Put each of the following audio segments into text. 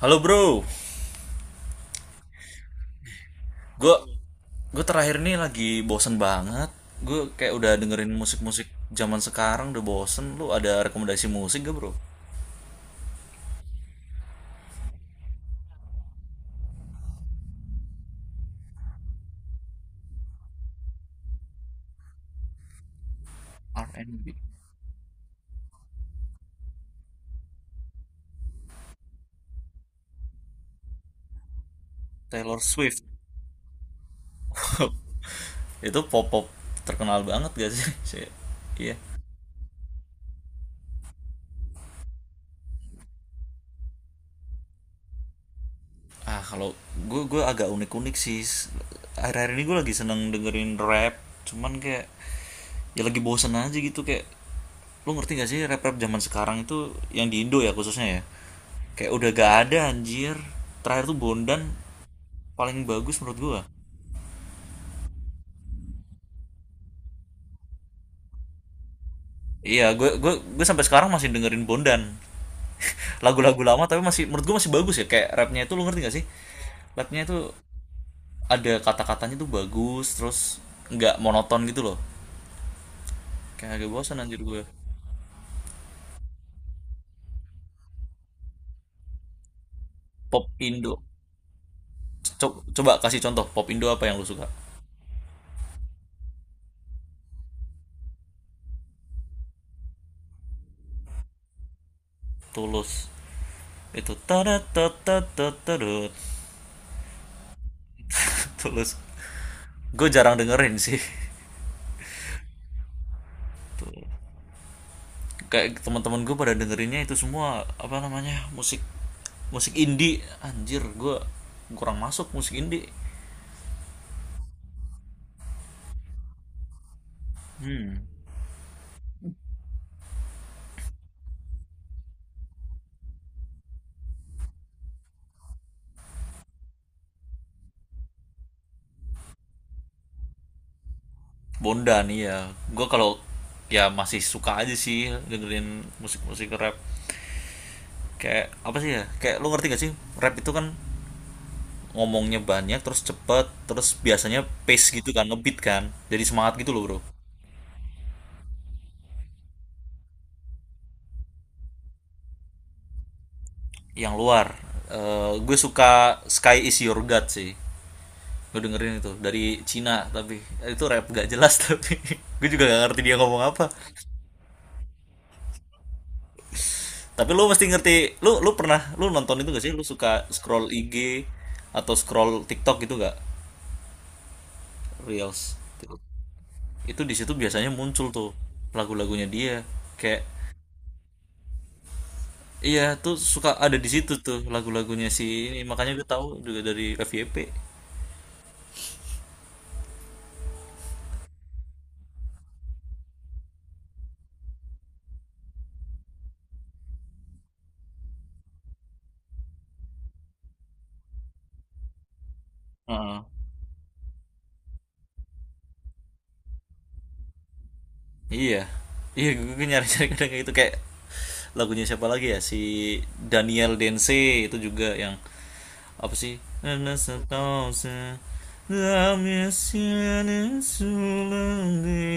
Halo bro, gue gue terakhir nih lagi bosen banget. Gue kayak udah dengerin musik-musik zaman sekarang udah bosen. Lu ada rekomendasi musik gak bro? R&B, Taylor Swift. Itu pop-pop terkenal banget gak sih? Iya. Ah, kalau gue agak unik unik sih, akhir-akhir ini gue lagi seneng dengerin rap, cuman kayak ya lagi bosen aja gitu. Kayak lu ngerti gak sih rap rap zaman sekarang itu yang di Indo ya khususnya ya, kayak udah gak ada anjir. Terakhir tuh Bondan paling bagus menurut gue. Iya, gue sampai sekarang masih dengerin Bondan. Lagu-lagu lama tapi masih menurut gue masih bagus ya, kayak rapnya itu, lu ngerti gak sih? Rapnya itu ada kata-katanya tuh bagus, terus nggak monoton gitu loh, kayak kagak bosan anjir gue. Pop Indo. Coba kasih contoh pop Indo apa yang lu suka? Tulus. Itu tadatatatatatatut. Tulus. Gue jarang dengerin sih. Kayak teman-teman gue pada dengerinnya itu semua apa namanya? Musik musik indie. Anjir, gue kurang masuk musik indie. Hmm. Bondan ya. Gue kalau ya, masih suka aja sih dengerin musik-musik rap. Kayak apa sih ya? Kayak lu ngerti gak sih? Rap itu kan ngomongnya banyak terus cepet, terus biasanya pace gitu kan, ngebeat kan, jadi semangat gitu loh bro. Yang luar, gue suka Sky is Your God sih. Gue dengerin itu dari Cina, tapi itu rap gak jelas, tapi gue juga gak ngerti dia ngomong apa, tapi lu mesti ngerti. Lu lu pernah lu nonton itu gak sih? Lu suka scroll IG atau scroll TikTok gitu gak? Reels, itu di situ biasanya muncul tuh lagu-lagunya dia, kayak. Iya, tuh suka ada di situ tuh lagu-lagunya si ini, makanya gue tahu juga dari FYP. Heeh. Iya, iya, gue nyari-nyari kadang kayak gitu, kayak lagunya siapa lagi ya si Daniel Dense, itu juga yang apa sih?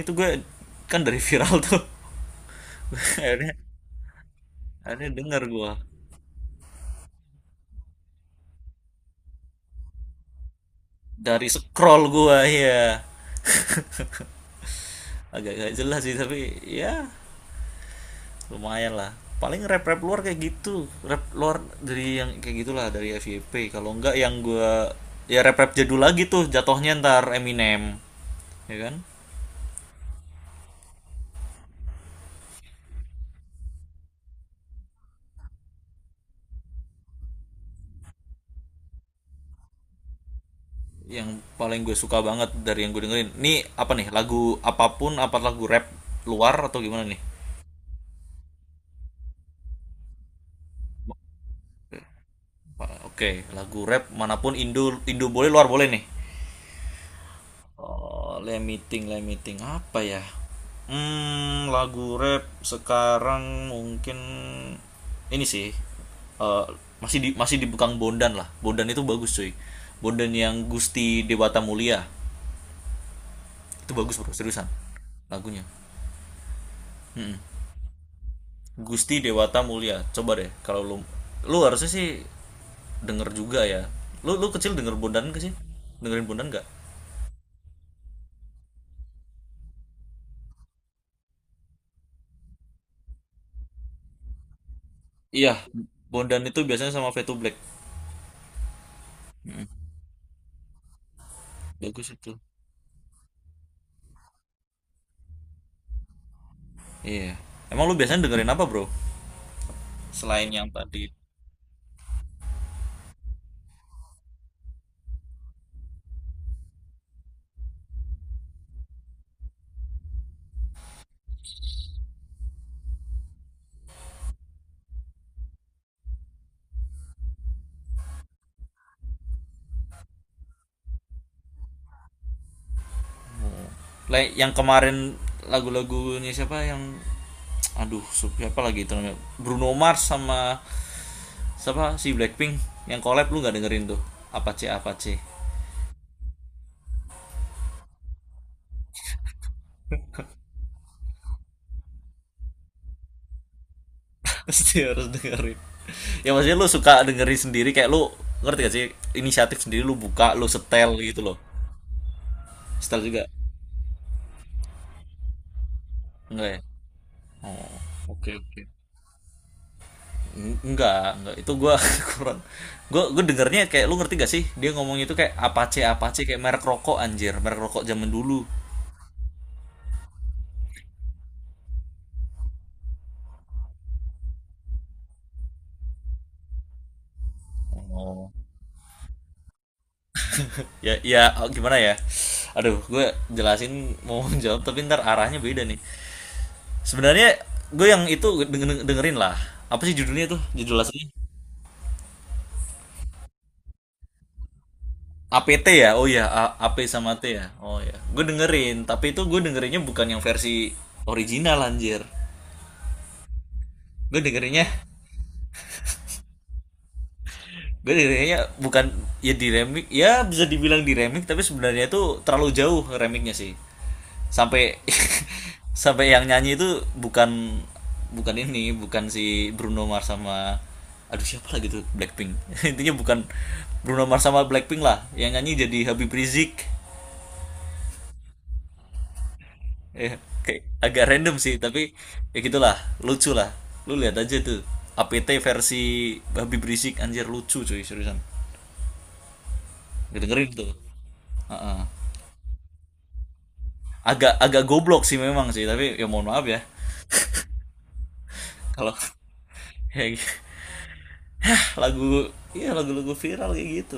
Itu gue kan dari viral tuh, akhirnya akhirnya dengar gue. Dari scroll gue ya, agak-agak jelas sih, tapi ya lumayan lah. Paling rap rap luar kayak gitu, rap luar dari yang kayak gitulah, dari FYP. Kalau enggak yang gue, ya rap rap jadul lagi tuh jatohnya, ntar Eminem, ya kan? Yang paling gue suka banget dari yang gue dengerin nih, apa nih? Lagu apapun? Apa lagu rap luar atau gimana nih? Oke, lagu rap manapun, Indo Indo boleh, luar boleh nih. Oh, limiting, limiting apa ya? Hmm, lagu rap sekarang mungkin ini sih, eh, masih di Bukang Bondan lah. Bondan itu bagus cuy. Bondan yang Gusti Dewata Mulia, itu bagus bro, seriusan lagunya. Mm-mm. Gusti Dewata Mulia, coba deh, kalau lu lu harusnya sih denger juga ya. Lu lu kecil denger Bondan gak sih? Dengerin Bondan gak? Iya, Bondan itu biasanya sama Fade to Black. Bagus itu. Iya. Emang lu biasanya dengerin apa, bro? Selain yang tadi. Like yang kemarin lagu-lagunya siapa yang, aduh, siapa lagi itu namanya? Bruno Mars sama siapa, si Blackpink, yang collab, lu nggak dengerin tuh? Apa C apa C? Pasti harus dengerin. Ya maksudnya lu suka dengerin sendiri, kayak lu ngerti gak sih? Inisiatif sendiri lu buka, lu setel gitu loh. Setel juga. Enggak ya? Oke, oke. Enggak, enggak. Itu gue kurang. Gue dengernya kayak, lu ngerti gak sih? Dia ngomong itu kayak Apache Apache, kayak merek rokok anjir, merek rokok zaman dulu. Oh. Ya ya, oh, gimana ya? Aduh, gue jelasin, mau jawab tapi ntar arahnya beda nih. Sebenarnya gue yang itu dengerin lah. Apa sih judulnya tuh? Judul aslinya? APT ya? Oh iya, P sama T ya. Oh iya. Gue dengerin, tapi itu gue dengerinnya bukan yang versi original anjir. Gue dengerinnya gue dengernya bukan, ya di remix, ya bisa dibilang di remix, tapi sebenarnya itu terlalu jauh remixnya sih, sampai sampai yang nyanyi itu bukan, bukan ini bukan si Bruno Mars sama, aduh siapa lagi tuh, Blackpink. Intinya bukan Bruno Mars sama Blackpink lah yang nyanyi, jadi Habib Rizik, ya kayak agak random sih, tapi ya gitulah, lucu lah, lu lihat aja tuh, APT versi Habib Rizik, anjir lucu cuy, seriusan, dengerin tuh. Heeh. Agak agak goblok sih memang sih, tapi ya mohon maaf ya, kalau ya lagu, iya lagu-lagu viral kayak gitu,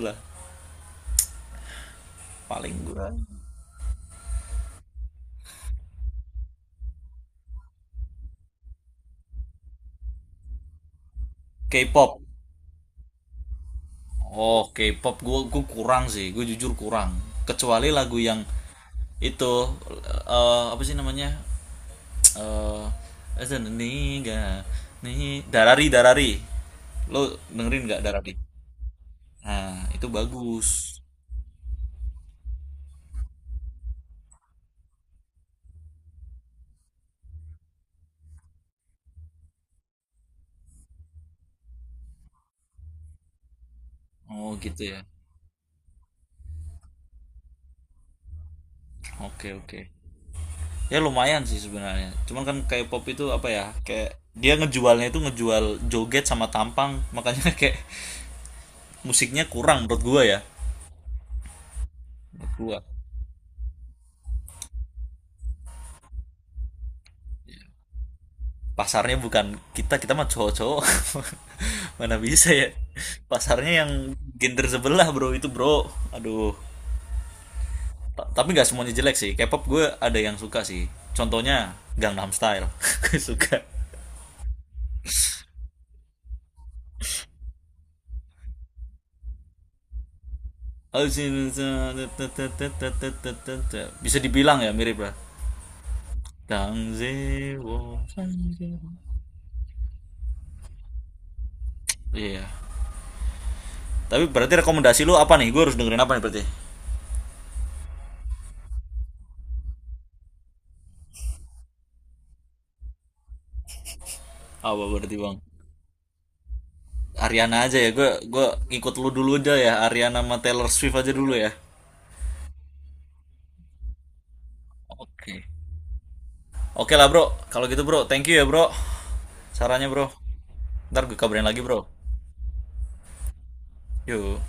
paling gue. K-pop, oh K-pop gue kurang sih, gue jujur kurang, kecuali lagu yang itu, apa sih namanya, eh Azananiga, nih gak nih, Darari Darari, lo dengerin nggak Darari? Nah, itu bagus. Oh gitu ya. Oke, oke. Ya lumayan sih sebenarnya, cuman kan kayak pop itu apa ya, kayak dia ngejualnya itu ngejual joget sama tampang, makanya kayak musiknya kurang menurut gua ya, menurut gua pasarnya bukan kita, kita mah cowok-cowok, mana bisa ya? Pasarnya yang gender sebelah bro, itu bro, aduh. Tapi nggak semuanya jelek sih K-pop, gue ada yang suka sih, contohnya Gangnam Style. Gue suka. Bisa dibilang ya mirip lah, Kang Zewo. Iya. Tapi berarti rekomendasi lu apa nih? Gue harus dengerin apa nih berarti? Apa berarti bang? Ariana aja ya. Gue ngikut lu dulu aja ya. Ariana sama Taylor Swift aja dulu ya. Oke. Oke lah bro. Kalau gitu bro, thank you ya bro. Sarannya bro. Ntar gue kabarin lagi bro. Yuk.